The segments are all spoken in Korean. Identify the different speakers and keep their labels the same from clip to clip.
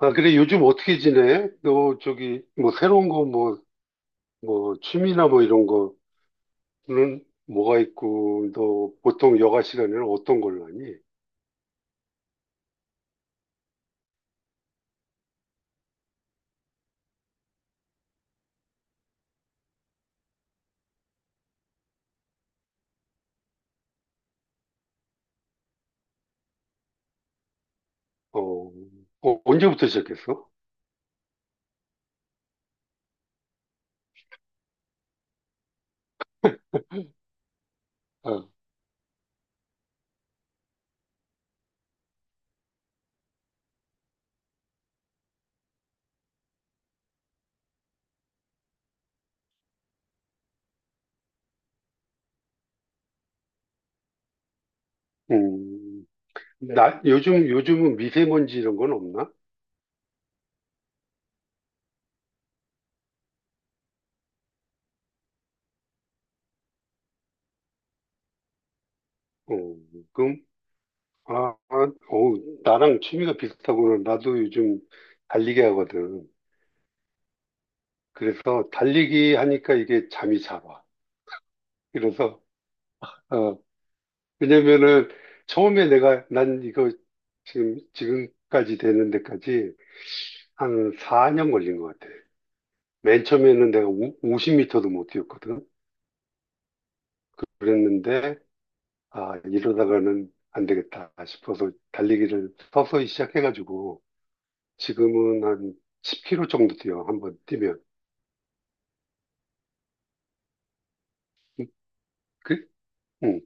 Speaker 1: 아, 그래, 요즘 어떻게 지내? 너, 저기, 뭐, 새로운 거, 뭐, 취미나 뭐, 이런 거는 뭐가 있고, 너, 보통 여가 시간에는 어떤 걸로 하니? 어, 어, 언제부터 시작했어? 아, 음, 나, 요즘은 미세먼지 이런 건 없나? 어, 그럼, 아, 아, 어우, 나랑 취미가 비슷하구나. 나도 요즘 달리기 하거든. 그래서 달리기 하니까 이게 잠이 잘 와. 그래서, 왜냐면은 처음에 내가 난 이거 지금까지 되는 데까지 한 4년 걸린 것 같아. 맨 처음에는 내가 50m도 못 뛰었거든. 그랬는데 아 이러다가는 안 되겠다 싶어서 달리기를 서서히 시작해가지고 지금은 한 10km 정도 뛰어 한번 뛰면. 음, 그, 응.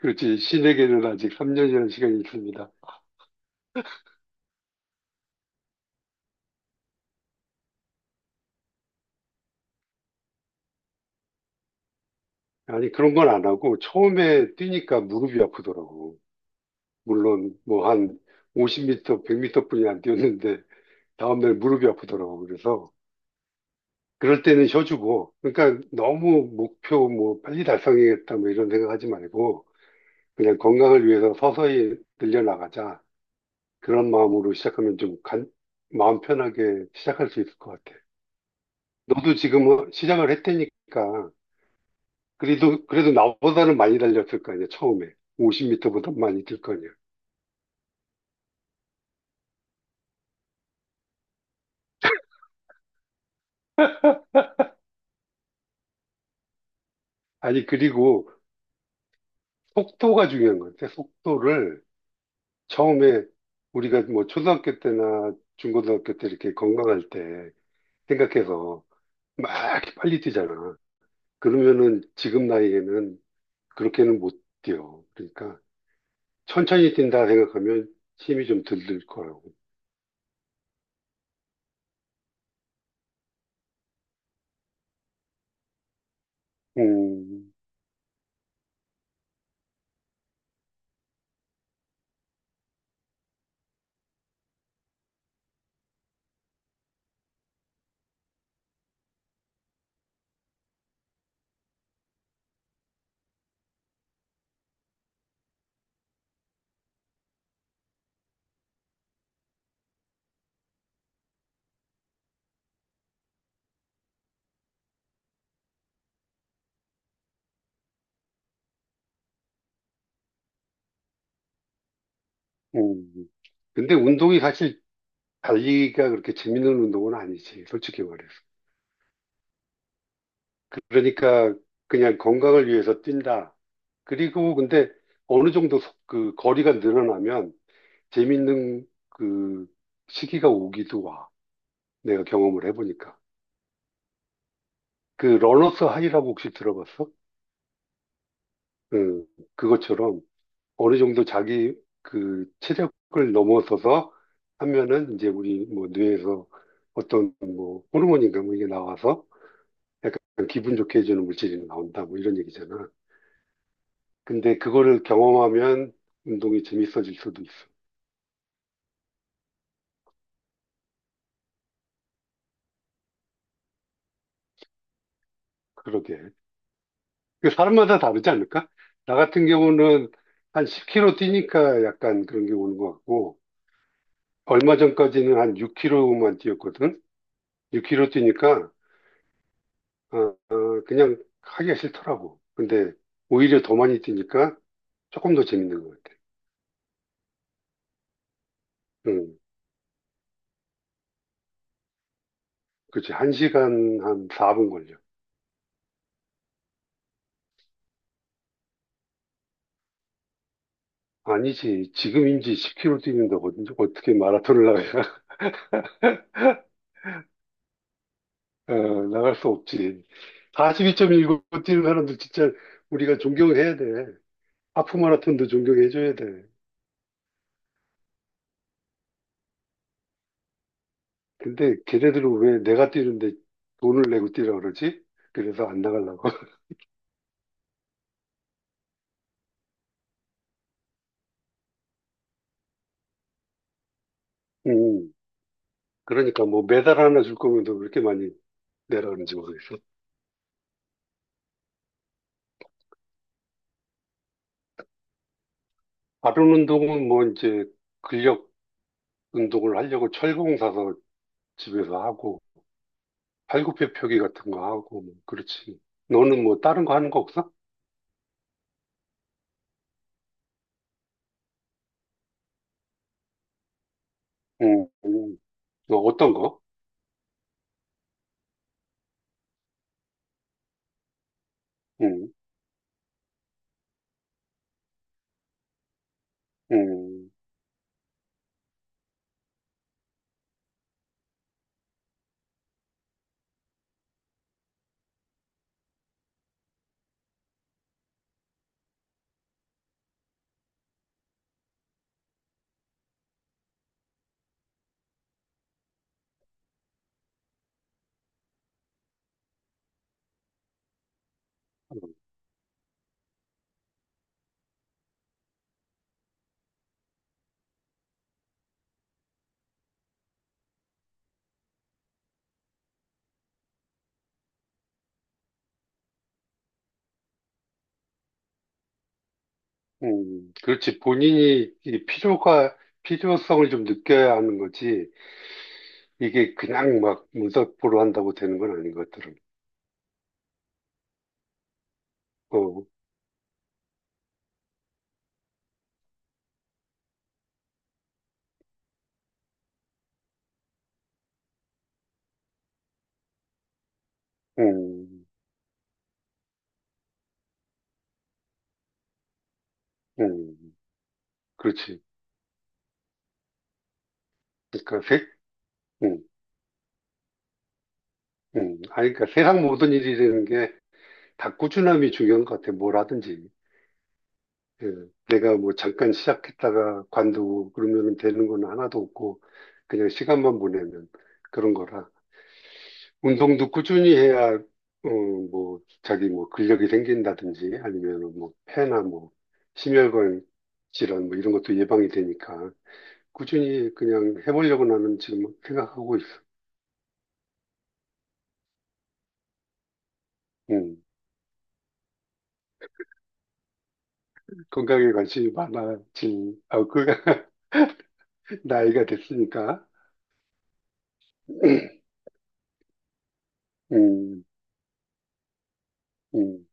Speaker 1: 그렇지 신에게는 아직 3년이라는 시간이 있습니다. 아니 그런 건 안 하고 처음에 뛰니까 무릎이 아프더라고. 물론 뭐 한 50m, 100m뿐이 안 뛰었는데 다음날 무릎이 아프더라고. 그래서 그럴 때는 쉬어주고 그러니까 너무 목표 뭐 빨리 달성해야겠다 뭐 이런 생각하지 말고 그냥 건강을 위해서 서서히 늘려나가자. 그런 마음으로 시작하면 좀 간- 마음 편하게 시작할 수 있을 것 같아. 너도 지금 뭐 시작을 했다니까 그래도 나보다는 많이 달렸을 거 아니야 처음에 50m보다 많이 뛸 거 아니야. 아니 그리고 속도가 중요한 것 같아. 속도를 처음에 우리가 뭐 초등학교 때나 중고등학교 때 이렇게 건강할 때 생각해서 막 이렇게 빨리 뛰잖아. 그러면은 지금 나이에는 그렇게는 못 뛰어. 그러니까 천천히 뛴다 생각하면 힘이 좀 들들 거라고. 음, 음. 근데 운동이 사실 달리기가 그렇게 재밌는 운동은 아니지. 솔직히 말해서. 그러니까 그냥 건강을 위해서 뛴다. 그리고 근데 어느 정도 속- 그 거리가 늘어나면 재밌는 그 시기가 오기도 와. 내가 경험을 해보니까. 그 러너스 하이라고 혹시 들어봤어? 응, 그것처럼 어느 정도 자기 그 체력을 넘어서서 하면은 이제 우리 뭐 뇌에서 어떤 뭐 호르몬인가 뭐 이게 나와서 약간 기분 좋게 해주는 물질이 나온다 뭐 이런 얘기잖아. 근데 그거를 경험하면 운동이 재밌어질 수도 있어. 그러게. 그 사람마다 다르지 않을까? 나 같은 경우는 한 10km 뛰니까 약간 그런 게 오는 것 같고, 얼마 전까지는 한 6km만 뛰었거든? 6km 뛰니까, 어, 어, 그냥 하기가 싫더라고. 근데 오히려 더 많이 뛰니까 조금 더 재밌는 것 같아. 응, 그치. 1시간 한 4분 걸려. 아니지. 지금인지 10km 뛰는다고 어떻게 마라톤을 나가야, 어, 나갈 수 없지. 42.19 뛰는 사람들 진짜 우리가 존경해야 돼. 하프 마라톤도 존경해줘야 돼. 근데 걔네들은 왜 내가 뛰는데 돈을 내고 뛰라 그러지? 그래서 안 나가려고. 음, 그러니까 뭐 메달 하나 줄 거면 너 그렇게 많이 내라 그런지 모르겠어. 다른 운동은 뭐 이제 근력 운동을 하려고 철봉 사서 집에서 하고 팔굽혀 펴기 같은 거 하고 뭐 그렇지. 너는 뭐 다른 거 하는 거 없어? 음, 음. 어, 어떤 거? 음, 음. 그렇지. 본인이 이 필요가, 필요성을 좀 느껴야 하는 거지. 이게 그냥 막 문서포로 한다고 되는 건 아닌 것들은. 어, 음, 음, 그렇지. 그러니까 세, 음, 아니, 그러니까 세상 모든 일이라는 게 다 꾸준함이 중요한 것 같아. 뭘 하든지. 예, 내가 뭐 잠깐 시작했다가 관두고 그러면 되는 건 하나도 없고, 그냥 시간만 보내면 그런 거라. 운동도 꾸준히 해야, 어, 뭐, 자기 뭐 근력이 생긴다든지 아니면 뭐 폐나 뭐 심혈관 질환 뭐 이런 것도 예방이 되니까 꾸준히 그냥 해보려고 나는 지금 생각하고 있어. 음, 건강에 관심이 많아진, 아, 그, 나이가 됐으니까. 음, 음,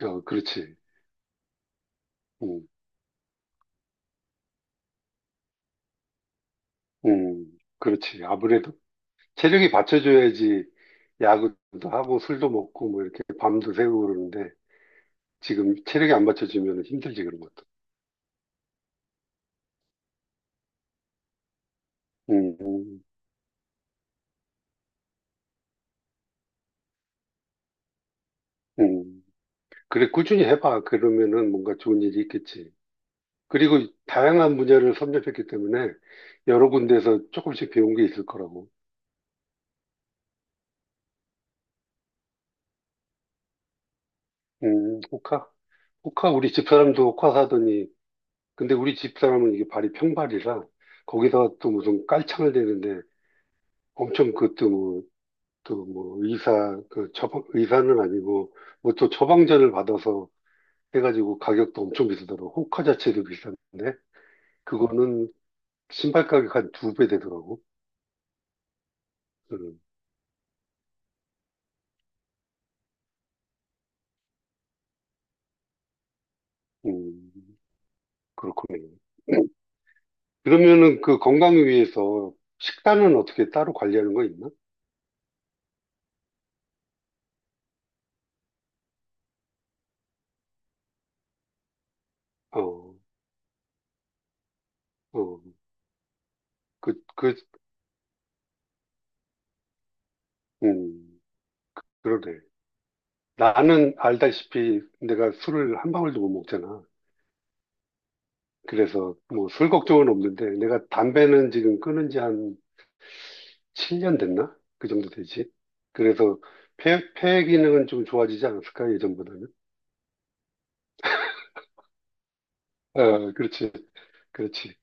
Speaker 1: 어, 그렇지. 음, 그렇지. 아무래도 체력이 받쳐줘야지 야구도 하고 술도 먹고 뭐 이렇게 밤도 새고 그러는데 지금 체력이 안 받쳐지면 힘들지, 그런 것도. 음, 음. 음. 그래, 꾸준히 해봐. 그러면은 뭔가 좋은 일이 있겠지. 그리고 다양한 분야를 섭렵했기 때문에 여러 군데에서 조금씩 배운 게 있을 거라고. 호카? 호카, 우리 집사람도 호카 사더니, 근데 우리 집사람은 이게 발이 평발이라, 거기다가 또 무슨 깔창을 대는데, 엄청 그것도 뭐, 또 뭐, 의사, 그 처방, 의사는 아니고, 뭐 또 처방전을 받아서 해가지고 가격도 엄청 비싸더라고. 호카 자체도 비싼데, 그거는 신발 가격 한 두 배 되더라고. 음, 음, 그렇군요. 그러면은 그 건강을 위해서 식단은 어떻게 따로 관리하는 거 있나? 어, 어, 그, 그, 음, 그러네. 나는 알다시피 내가 술을 한 방울도 못 먹잖아. 그래서 뭐 술 걱정은 없는데 내가 담배는 지금 끊은 지 한 7년 됐나? 그 정도 되지. 그래서 폐 기능은 좀 좋아지지 않았을까, 예전보다? 어, 그렇지, 그렇지.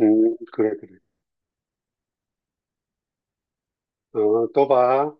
Speaker 1: 그래, 그래. 어, 또 봐.